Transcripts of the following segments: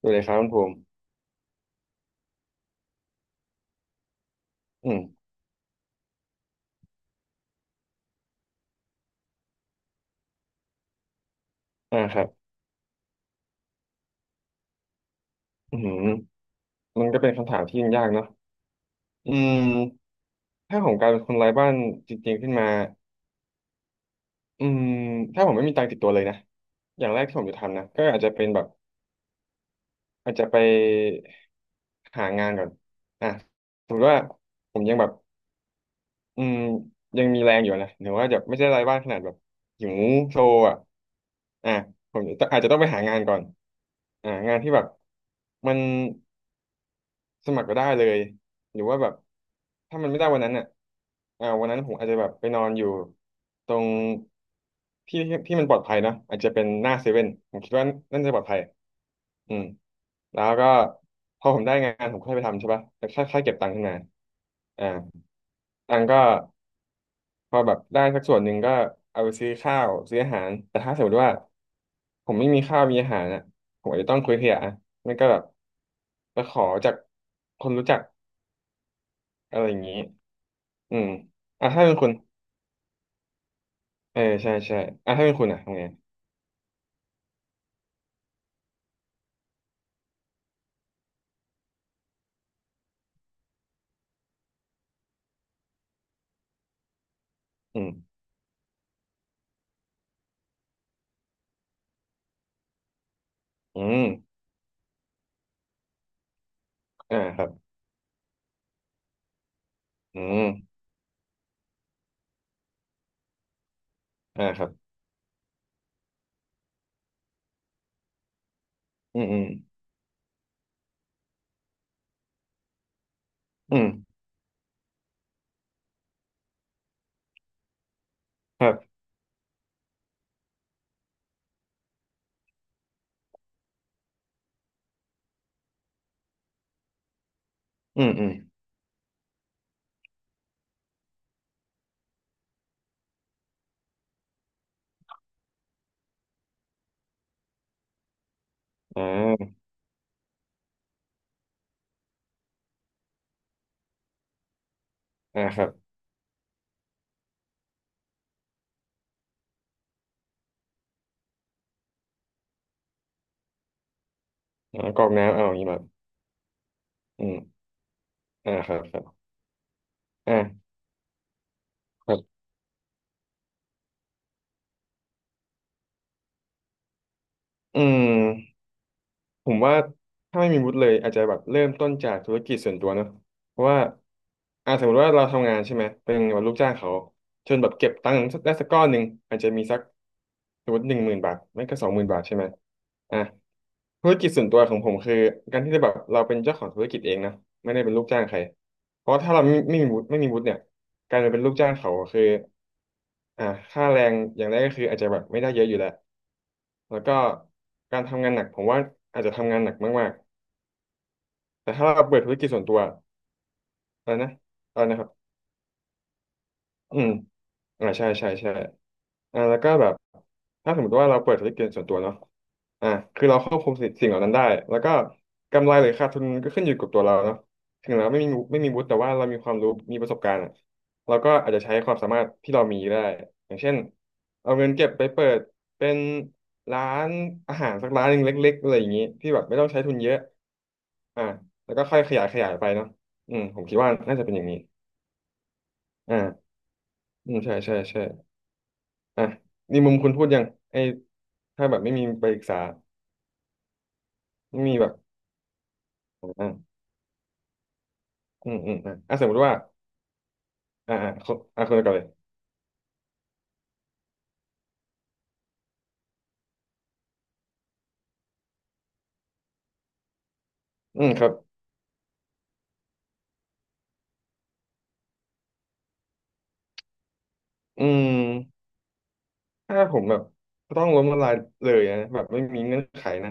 ดูเลยครับคุณภูมิอืมอ่าครับอืมมันก็เป็นคำถามที่ยากเนาะอืมถ้าผมกลายเป็นคนไร้บ้านจริงๆขึ้นมาอืมถ้าผมไม่มีตังค์ติดตัวเลยนะอย่างแรกที่ผมจะทำนะก็อาจจะเป็นแบบอาจจะไปหางานก่อนอ่ะสมมติว่าผมยังแบบอืมยังมีแรงอยู่นะหรือว่าจะไม่ใช่ไร้บ้านขนาดแบบหิวโซอ่ะอ่ะผมอาจจะต้องไปหางานก่อนงานที่แบบมัน สมัครก็ได้เลยหรือว่าแบบถ้ามันไม่ได้วันนั้นอ่ะวันนั้นผมอาจจะแบบไปนอนอยู่ตรงที่ที่มันปลอดภัยเนอะอาจจะเป็นหน้าเซเว่นผมคิดว่านั่นจะปลอดภัยอืมแล้วก็พอผมได้งานผมค่อยไปทำใช่ป่ะแต่ค่าเก็บตังค์ขึ้นมาอ่า ตังค์ก็พอแบบได้สักส่วนหนึ่งก็เอาไปซื้อข้าวซื้ออาหาร แต่ถ้าสมมติว่าผมไม่มีข้าวมีอาหารอ่ะผมอาจจะต้องคุยเถียอ่ะไม่ก็แบบไปขอจากคนรู้จัก อะไรอย่างนี้อืมอ่ะถ้าเป็นคุณเออใช่ใช่อ่ะถ้าเป็นคุณอ่ะทำไงอืมอืมอ่าครับอืมอ่าครับอืมอืมครับอืมอ่าอ่าครับอ่ากรอกน้ำเอาอย่างนี้แบบอืมอ่าครับครับอ่าครับอืม ผมว่าถ้าไม่มีวุฒิเลยอาจจะแบบเริ่มต้นจากธุรกิจส่วนตัวเนอะเพราะว่าสมมติว่าเราทำงานใช่ไหมเป็นแบบลูกจ้างเขาจนแบบเก็บตังค์ได้สักก้อนหนึ่งอาจจะมีสักสมมติหนึ่งหมื่นบาทไม่ก็สองหมื่นบาทใช่ไหมอ่ะธุรกิจส่วนตัวของผมคือการที่จะแบบเราเป็นเจ้าของธุรกิจเองนะไม่ได้เป็นลูกจ้างใครเพราะถ้าเราไม่มีวุฒิไม่มีวุฒิเนี่ยการจะเป็นลูกจ้างเขาคือ อ่าค่าแรงอย่างแรกก็คืออาจจะแบบไม่ได้เยอะอยู่แล้ว แล้วก็การทำงานหนักผมว่าอาจจะทำงานหนักมากๆแต่ถ้าเราเปิดธุรกิจส่วนตัวอะไรนะอะไรนะครับอืม ใช่ใช่ใช่แล้วก็แบบถ้าสมมติว่าเราเปิดธุรกิจส่วนตัวเนาะอ่าคือเราควบคุมสิ่งเหล่านั้นได้แล้วก็กำไรหรือขาดทุนก็ขึ้นอยู่กับตัวเราเนาะถึงเราไม่มีวุฒิแต่ว่าเรามีความรู้มีประสบการณ์อะเราก็อาจจะใช้ความสามารถที่เรามีได้อย่างเช่นเอาเงินเก็บไปเปิดเป็นร้านอาหารสักร้านหนึ่งเล็กๆอะไรอย่างนี้ที่แบบไม่ต้องใช้ทุนเยอะอ่าแล้วก็ค่อยขยายไปเนาะอืมผมคิดว่าน่าจะเป็นอย่างนี้อ่าอืมใช่ใช่ใช่ อ่ะนี่มุมคุณพูดยังไอ้ถ้าแบบไม่มีไปศึกษาไม่มีแบบอ่าอืมอ่ะอ่ะสมมติว่าอ่าเขาคนก่อนเลยอืมครับอืมถ้าผมแบบต้องล้มละลายเลยนะแบบไม่มีเงื่อนไขนะ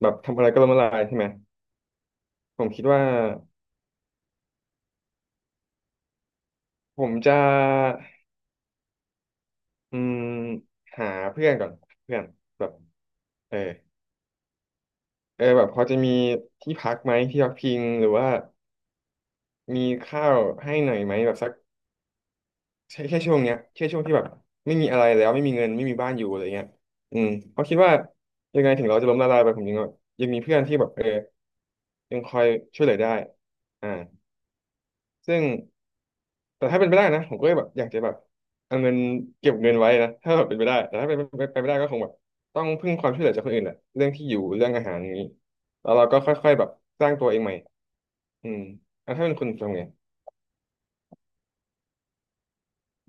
แบบทำอะไรก็ล้มละลายใช่ไหมผมคิดว่าผมจะอืมหาเพื่อนก่อนเพื่อนแบบเออเออแบบพอจะมีที่พักไหมที่พักพิงหรือว่ามีข้าวให้หน่อยไหมแบบสัก ใช่แค่ช่วงเนี้ยแค่ช่วงที่แบบไม่มีอะไรแล้วไม่มีเงินไม่มีบ้านอยู่อะไรเงี้ยอืมเพราะคิดว่ายังไงถึงเราจะล้มละลายไปผมยังมีเพื่อนที่แบบเออยังคอยช่วยเหลือได้อ่าซึ่งแต่ถ้าเป็นไปได้นะผมก็แบบอยากจะแบบเอาเงินเก็บเงินไว้นะถ้าแบบเป็นไปได้แต่ถ้าเป็นไปไม่ได้ก็คงแบบต้องพึ่งความช่วยเหลือจากคนอื่นแหละเรื่องที่อยู่เรื่องอาหารอย่างนี้แล้วเราก็ค่อยๆแบบสร้างตัวเองใหม่อืมอ่ะถ้าเป็นคุณทำไง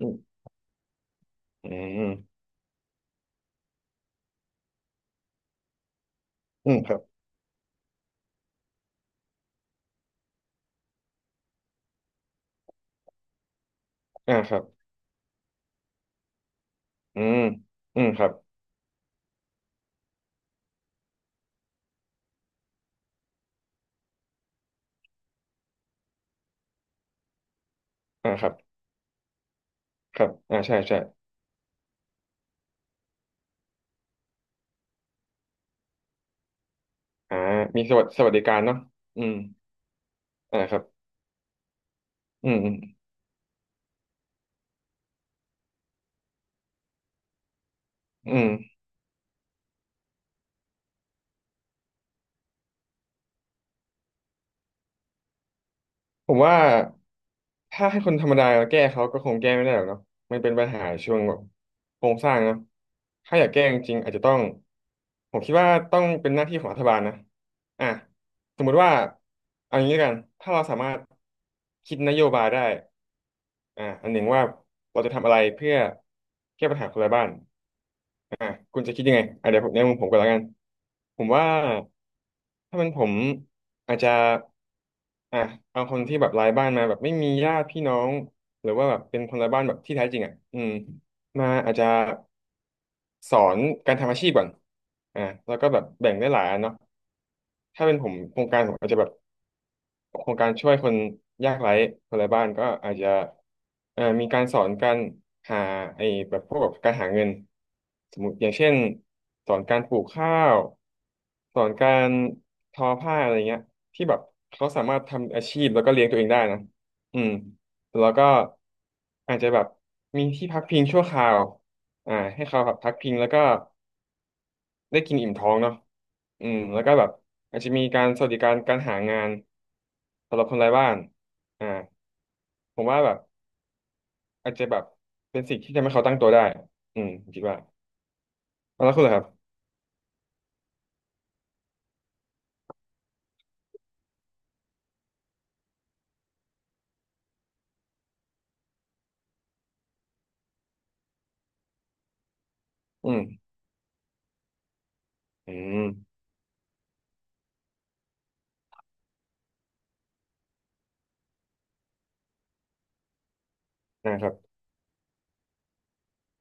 อืมอืมอืมครับอ่าครับอืมอืมครับอ่าครับ ครับอ่าใช่ใช่อ่ามีสวัสดิการเนาะอืมอ่าครับอืมอืมผมว่าถ้าให้คนธรรมดาแก้เขาก็คงแก้ไม่ได้หรอกเนาะมันเป็นปัญหาช่วงแบบโครงสร้างเนาะถ้าอยากแก้จริงๆอาจจะต้อง ผมคิดว่าต้องเป็นหน้าที่ของรัฐบาลนะอ่ะสมมุติว่าเอางี้แล้วกัน ถ้าเราสามารถคิดนโยบายได้อันหนึ่งว่าเราจะทำอะไรเพื่อแก้ปัญหาคนไระบ้าน อ่าคุณจะคิดยังไงอ่ะเดี๋ยวผมในมุมผมก่อนแล้วกันผมว่าถ้าเป็นผมอาจจะอ่ะเอาคนที่แบบรายบ้านมาแบบไม่มีญาติพี่น้องหรือว่าแบบเป็นคนรายบ้านแบบที่แท้จริงอ่ะอืมมาอาจจะสอนการทำอาชีพก่อนอ่าแล้วก็แบบแบ่งได้หลายอันเนาะถ้าเป็นผมโครงการผมอาจจะแบบ โครงการช่วยคนยากไร้คนไร้บ้านก็อาจจะมีการสอนการหาไอ้แบบพวกแบบการหาเงินสมมติอย่างเช่นสอนการปลูกข้าวสอนการทอผ้าอะไรเงี้ยที่แบบเขาสามารถทำอาชีพแล้วก็เลี้ยงตัวเองได้นะอืมแล้วก็อาจจะแบบมีที่พักพิงชั่วคราวอ่าให้เขาแบบพักพิงแล้วก็ ได้กินอิ่มท้องเนาะอืมแล้วก็แบบอาจจะมีการสวัสดิการการหางานสำหรับคนไร้บ้านอ่าผมว่าแบบอาจจะแบบเป็นสิ่งที่ทำให้เขาตั้งตัวได้อืมผมคิดว่าแล้วคุณล่ะครับอืมอืมนะครับ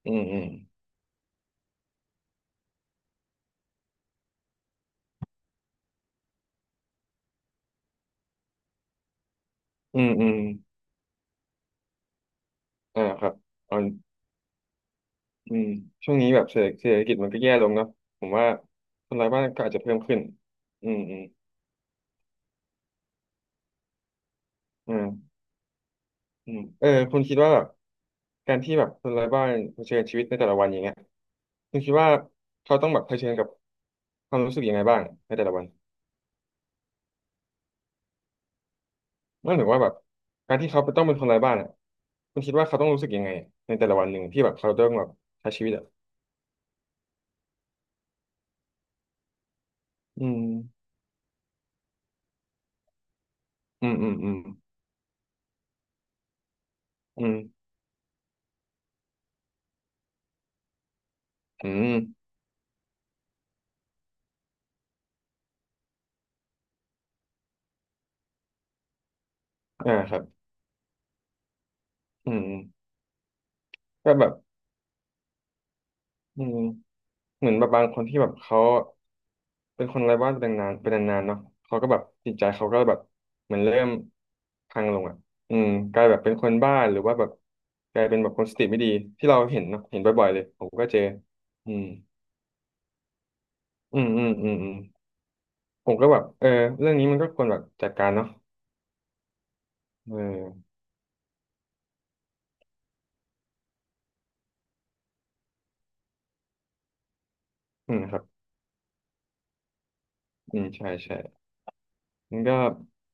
อืมอืมอืมอืมอ่าครับอ่าอืมช่วงนี้แบบเศรษฐกิจมันก็แย่ลงเนาะผมว่าคนไร้บ้านก็อาจจะเพิ่มขึ้นอืมอืมอืม อืมเออคุณคิดว่าแบบการที่แบบคนไร้บ้านเผชิญชีวิตในแต่ละวันอย่างเงี้ยคุณคิดว่าเขาต้องแบบเผชิญกับความรู้สึกยังไงบ้างในแต่ละวันนั่นถึงว่าแบบการที่เขาต้องเป็นคนไร้บ้านอ่ะคุณคิดว่าเขาต้องรู้สึกยังไงในแต่ละวันหนึ่งที่แบบเขาต้องแบบใช้ชีวิตอ่ะอืมอืมอืมอืมอืมอืมอ่าครับอืมก็แบบอืม เหมือนแบบบางคนที่แบบเขาเป็นคนไร้บ้านเป็นนานเป็นนานๆเนาะเขาก็แบบจิตใจเขาก็แบบเหมือนเริ่มพังลงอ่ะอืมกลายแบบเป็นคนบ้าหรือว่าแบบกลายเป็นแบบคนสติไม่ดีที่เราเห็นเนาะเห็นบ่อยๆเลยผมก็เจออืมอืมอืมอืมอืมผมก็แบบเออเรื่องนี้มันก็ควรแบบจัดการเนาะเอออืมครับอืมใช่ใช่มันก็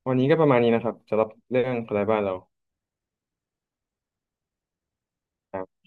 วันนี้ก็ประมาณนี้นะครับสำหรับเรื่องคนไร้บ้านเราครับ